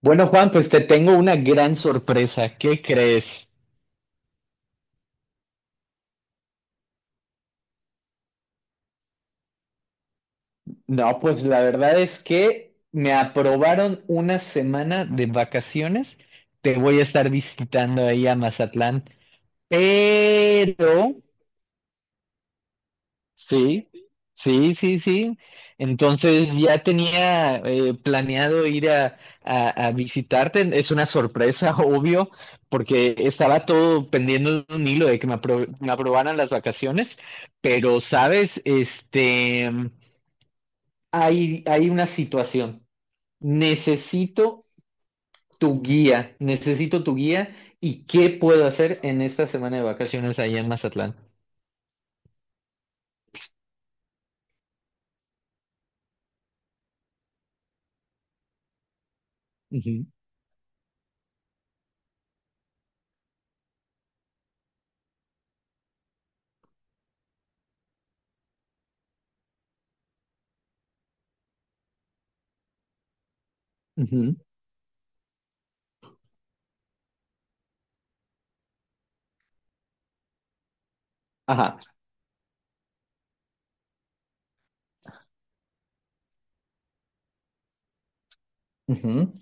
Bueno, Juan, pues te tengo una gran sorpresa. ¿Qué crees? No, pues la verdad es que me aprobaron una semana de vacaciones. Te voy a estar visitando ahí a Mazatlán, pero Sí, sí, sí, sí. Entonces ya tenía planeado ir a, a visitarte. Es una sorpresa, obvio, porque estaba todo pendiendo de un hilo de que me aprobaran las vacaciones. Pero, ¿sabes? Hay una situación. Necesito necesito tu guía y qué puedo hacer en esta semana de vacaciones allá en Mazatlán. Ujú, ujú. Ajá. Ujú.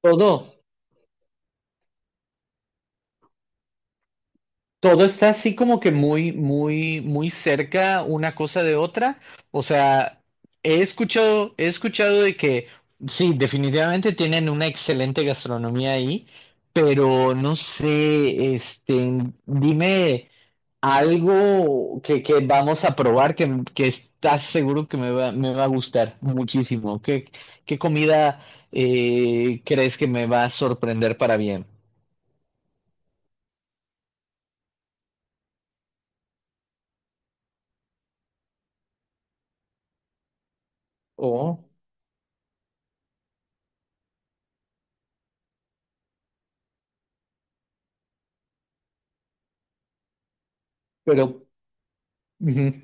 Todo. Todo está así como que muy, muy, muy cerca una cosa de otra. O sea, he escuchado de que sí, definitivamente tienen una excelente gastronomía ahí, pero no sé, dime algo que vamos a probar que estás seguro que me va a gustar muchísimo. ¿Qué comida crees que me va a sorprender para bien? Oh, pero Ujú.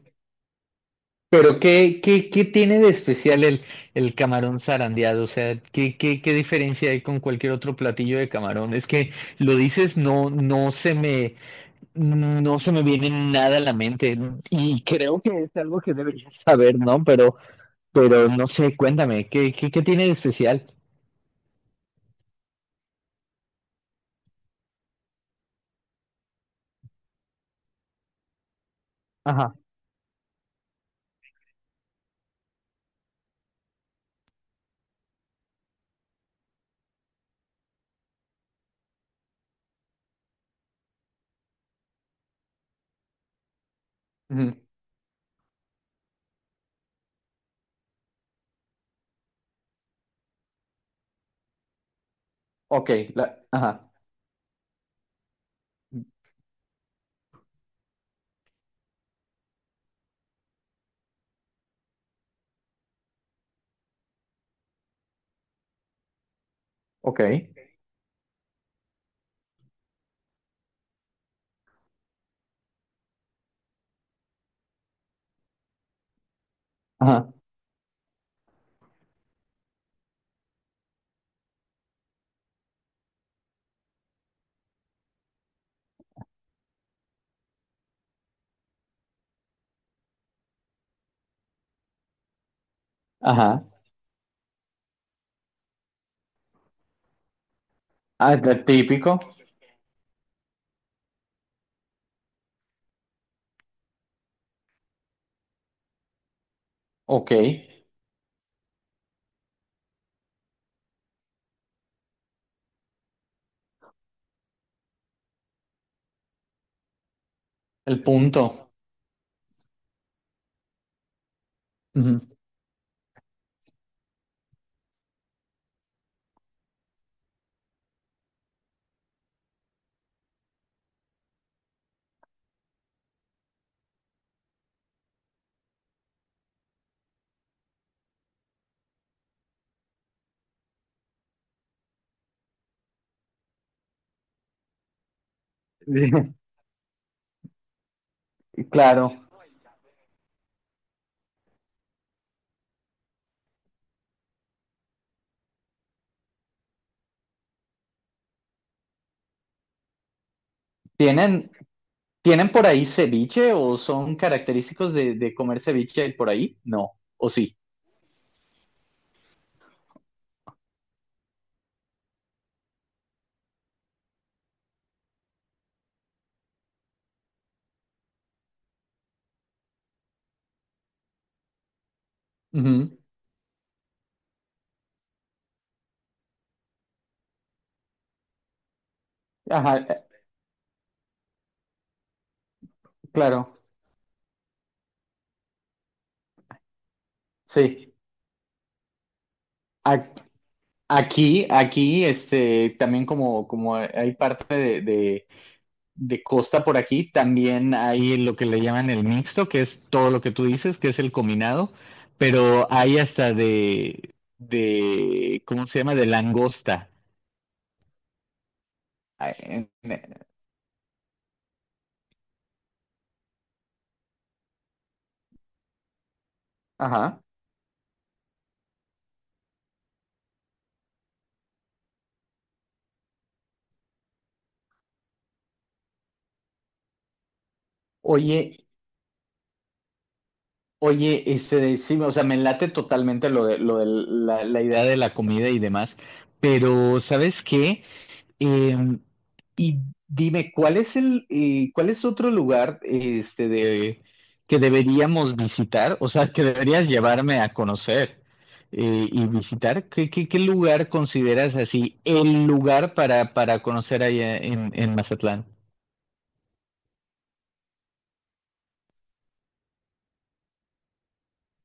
Pero ¿qué tiene de especial el camarón zarandeado? O sea, ¿qué diferencia hay con cualquier otro platillo de camarón? Es que lo dices, no se me viene nada a la mente. Y creo que es algo que deberías saber, ¿no? Pero, no sé, cuéntame, ¿qué tiene de especial? Ajá. Ujú. Ok, ajá. Ok. Ajá. Ajá. Ah, típico. Ok. El punto. Ujú. Claro. ¿Tienen, tienen por ahí ceviche o son característicos de comer ceviche por ahí? No, o sí. Ujú. Ajá, claro, sí. A- Aquí, también como hay parte de costa por aquí, también hay lo que le llaman el mixto, que es todo lo que tú dices, que es el combinado, pero hay hasta de, ¿cómo se llama? De langosta. Ah. Ajá. Oye, Oye, sí, o sea, me late totalmente lo de la idea de la comida y demás, pero ¿sabes qué? Eh, y dime, ¿cuál es cuál es otro lugar, que deberíamos visitar? O sea, que deberías llevarme a conocer y visitar. ¿Qué lugar consideras así el lugar para conocer allá en Mazatlán?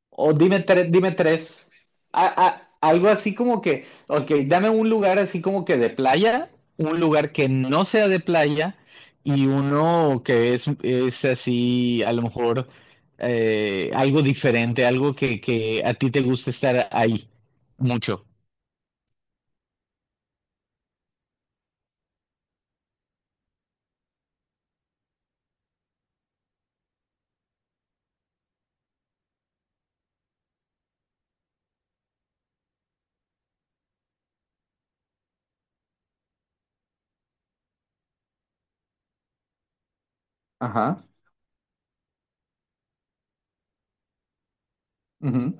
O dime tres, dime tres. Algo así como que, ok, dame un lugar así como que de playa, un lugar que no sea de playa y uno que es así, a lo mejor algo diferente, algo que a ti te gusta estar ahí mucho. Ajá. Ujú.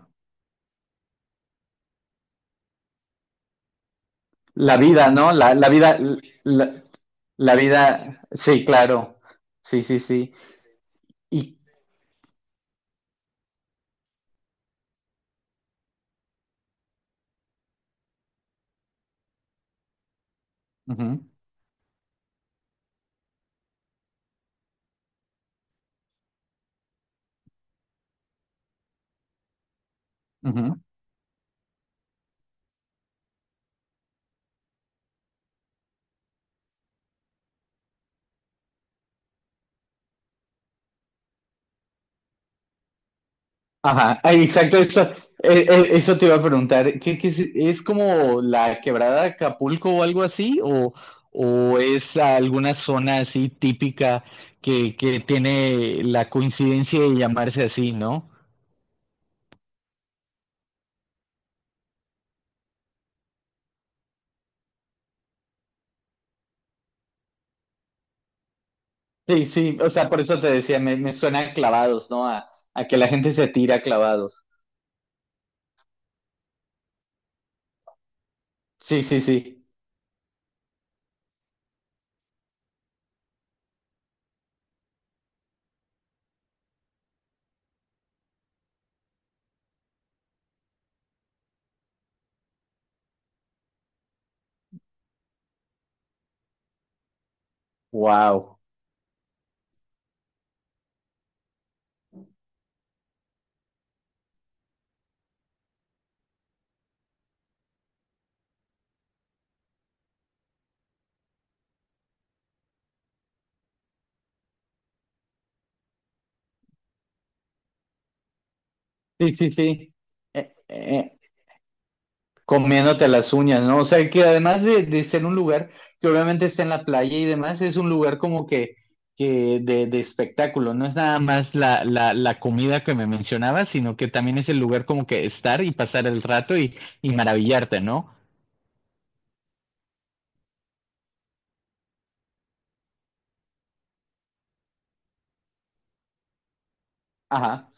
La vida, ¿no? La vida, la, la vida, sí, claro. Sí, sí, sí. Y, Ujú, ujú. Ajá, ah, exacto, eso te iba a preguntar. ¿Qué es como la quebrada de Acapulco o algo así? ¿O es alguna zona así típica que tiene la coincidencia de llamarse así, ¿no? Sí, sí, o sea, por eso te decía, me suena a clavados, ¿no? A que la gente se tira a clavados. Sí, sí, sí. Wow. Sí, sí, sí. Eh, eh, comiéndote las uñas, ¿no? O sea, que además de ser un lugar que obviamente está en la playa y demás, es un lugar como que de espectáculo, no es nada más la comida que me mencionabas, sino que también es el lugar como que estar y pasar el rato y maravillarte, ¿no? Ajá,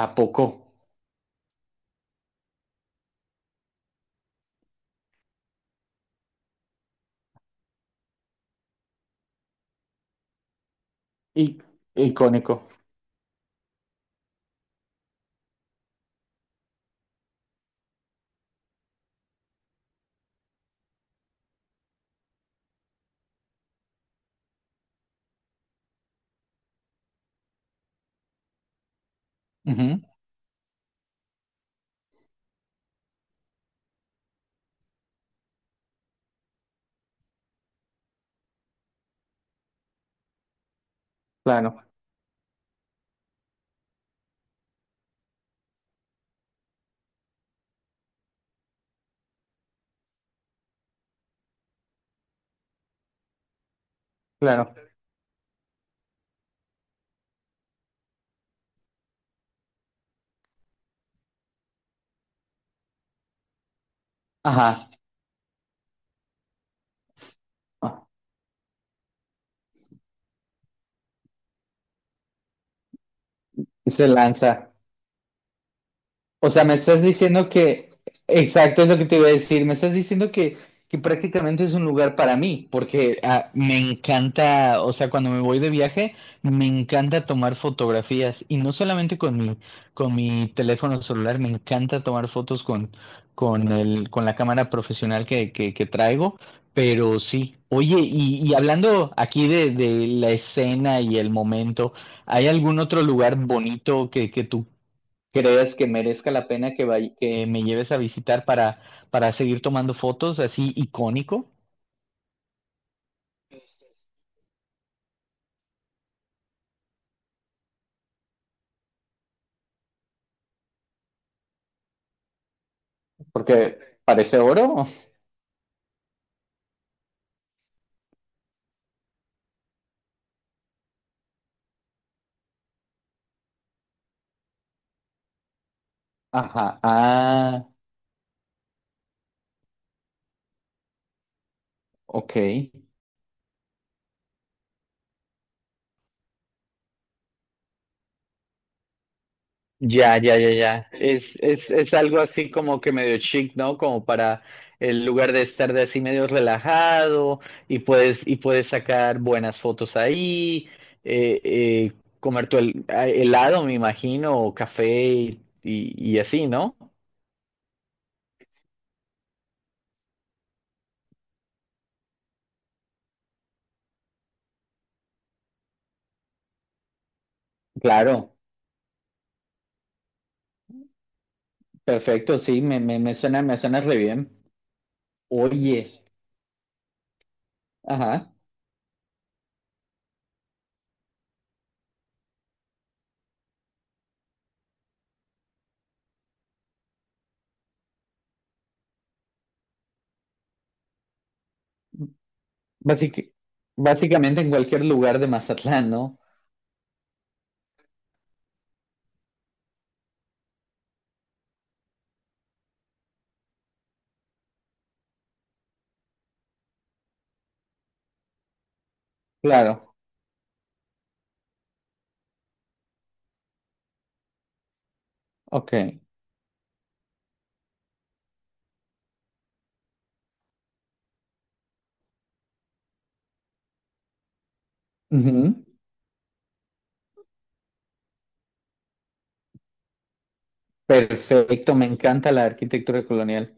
¿a poco? Y, icónico. Ujú, claro, claro. Ajá, ah, y se lanza. O sea, me estás diciendo que, exacto, es lo que te iba a decir, me estás diciendo que prácticamente es un lugar para mí, porque ah, me encanta, o sea, cuando me voy de viaje, me encanta tomar fotografías, y no solamente con mi teléfono celular, me encanta tomar fotos con la cámara profesional que traigo, pero sí. Oye, y hablando aquí de la escena y el momento, ¿hay algún otro lugar bonito que tú creas que merezca la pena que me lleves a visitar para seguir tomando fotos así icónico? Porque parece oro. Ajá. Ah, ok. Ya, ya, ya, ya. Es algo así como que medio chic, ¿no? Como para el lugar de estar de así medio relajado y puedes sacar buenas fotos ahí, eh, eh, comer tu helado, me imagino, o café y así, ¿no? Claro. Perfecto, sí, me suena re bien. Oye, ajá. Básic- básicamente en cualquier lugar de Mazatlán, ¿no? Claro, ok. Ujú. Perfecto, me encanta la arquitectura colonial.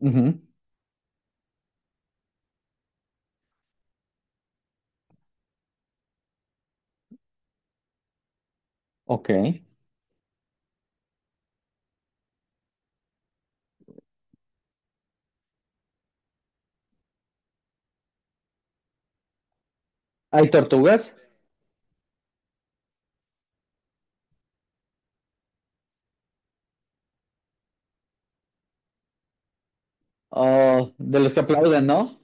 Ujú. Ok. ¿Hay tortugas? Oh, de los que aplauden, ¿no?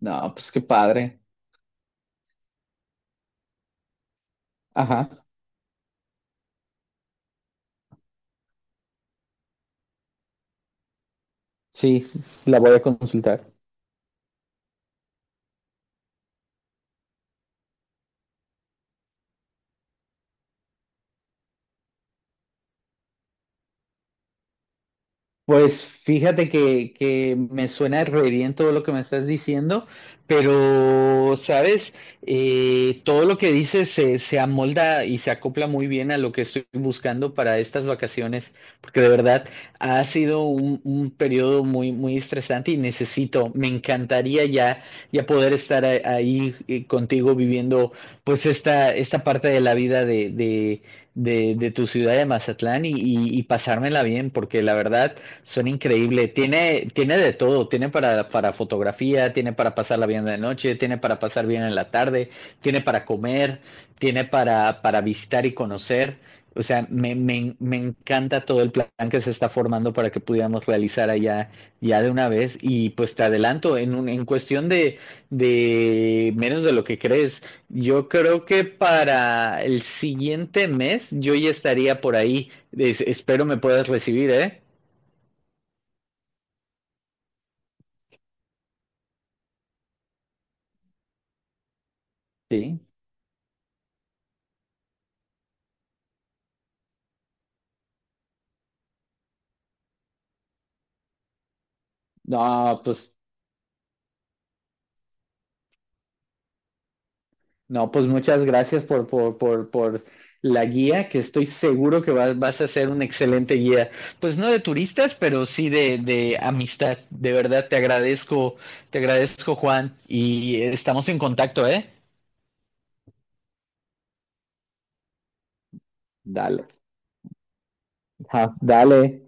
No, pues qué padre. Ajá, sí, la voy a consultar. Pues fíjate que me suena re bien todo lo que me estás diciendo, pero, ¿sabes? Todo lo que dices se amolda y se acopla muy bien a lo que estoy buscando para estas vacaciones, porque de verdad ha sido un periodo muy, muy estresante y me encantaría ya poder estar ahí contigo viviendo pues esta parte de la vida de tu ciudad de Mazatlán y pasármela bien, porque la verdad... Son increíbles. Tiene de todo. Tiene para fotografía, tiene para pasarla bien de noche, tiene para pasar bien en la tarde, tiene para comer, tiene para visitar y conocer. O sea, me encanta todo el plan que se está formando para que pudiéramos realizar allá ya de una vez. Y pues te adelanto, en cuestión de menos de lo que crees, yo creo que para el siguiente mes yo ya estaría por ahí. Espero me puedas recibir, ¿eh? Sí. No, pues, no, pues muchas gracias por la guía, que estoy seguro que vas a ser un excelente guía. Pues no de turistas, pero sí de amistad. De verdad, te agradezco, Juan, y estamos en contacto, ¿eh? Dale. Ajá, dale.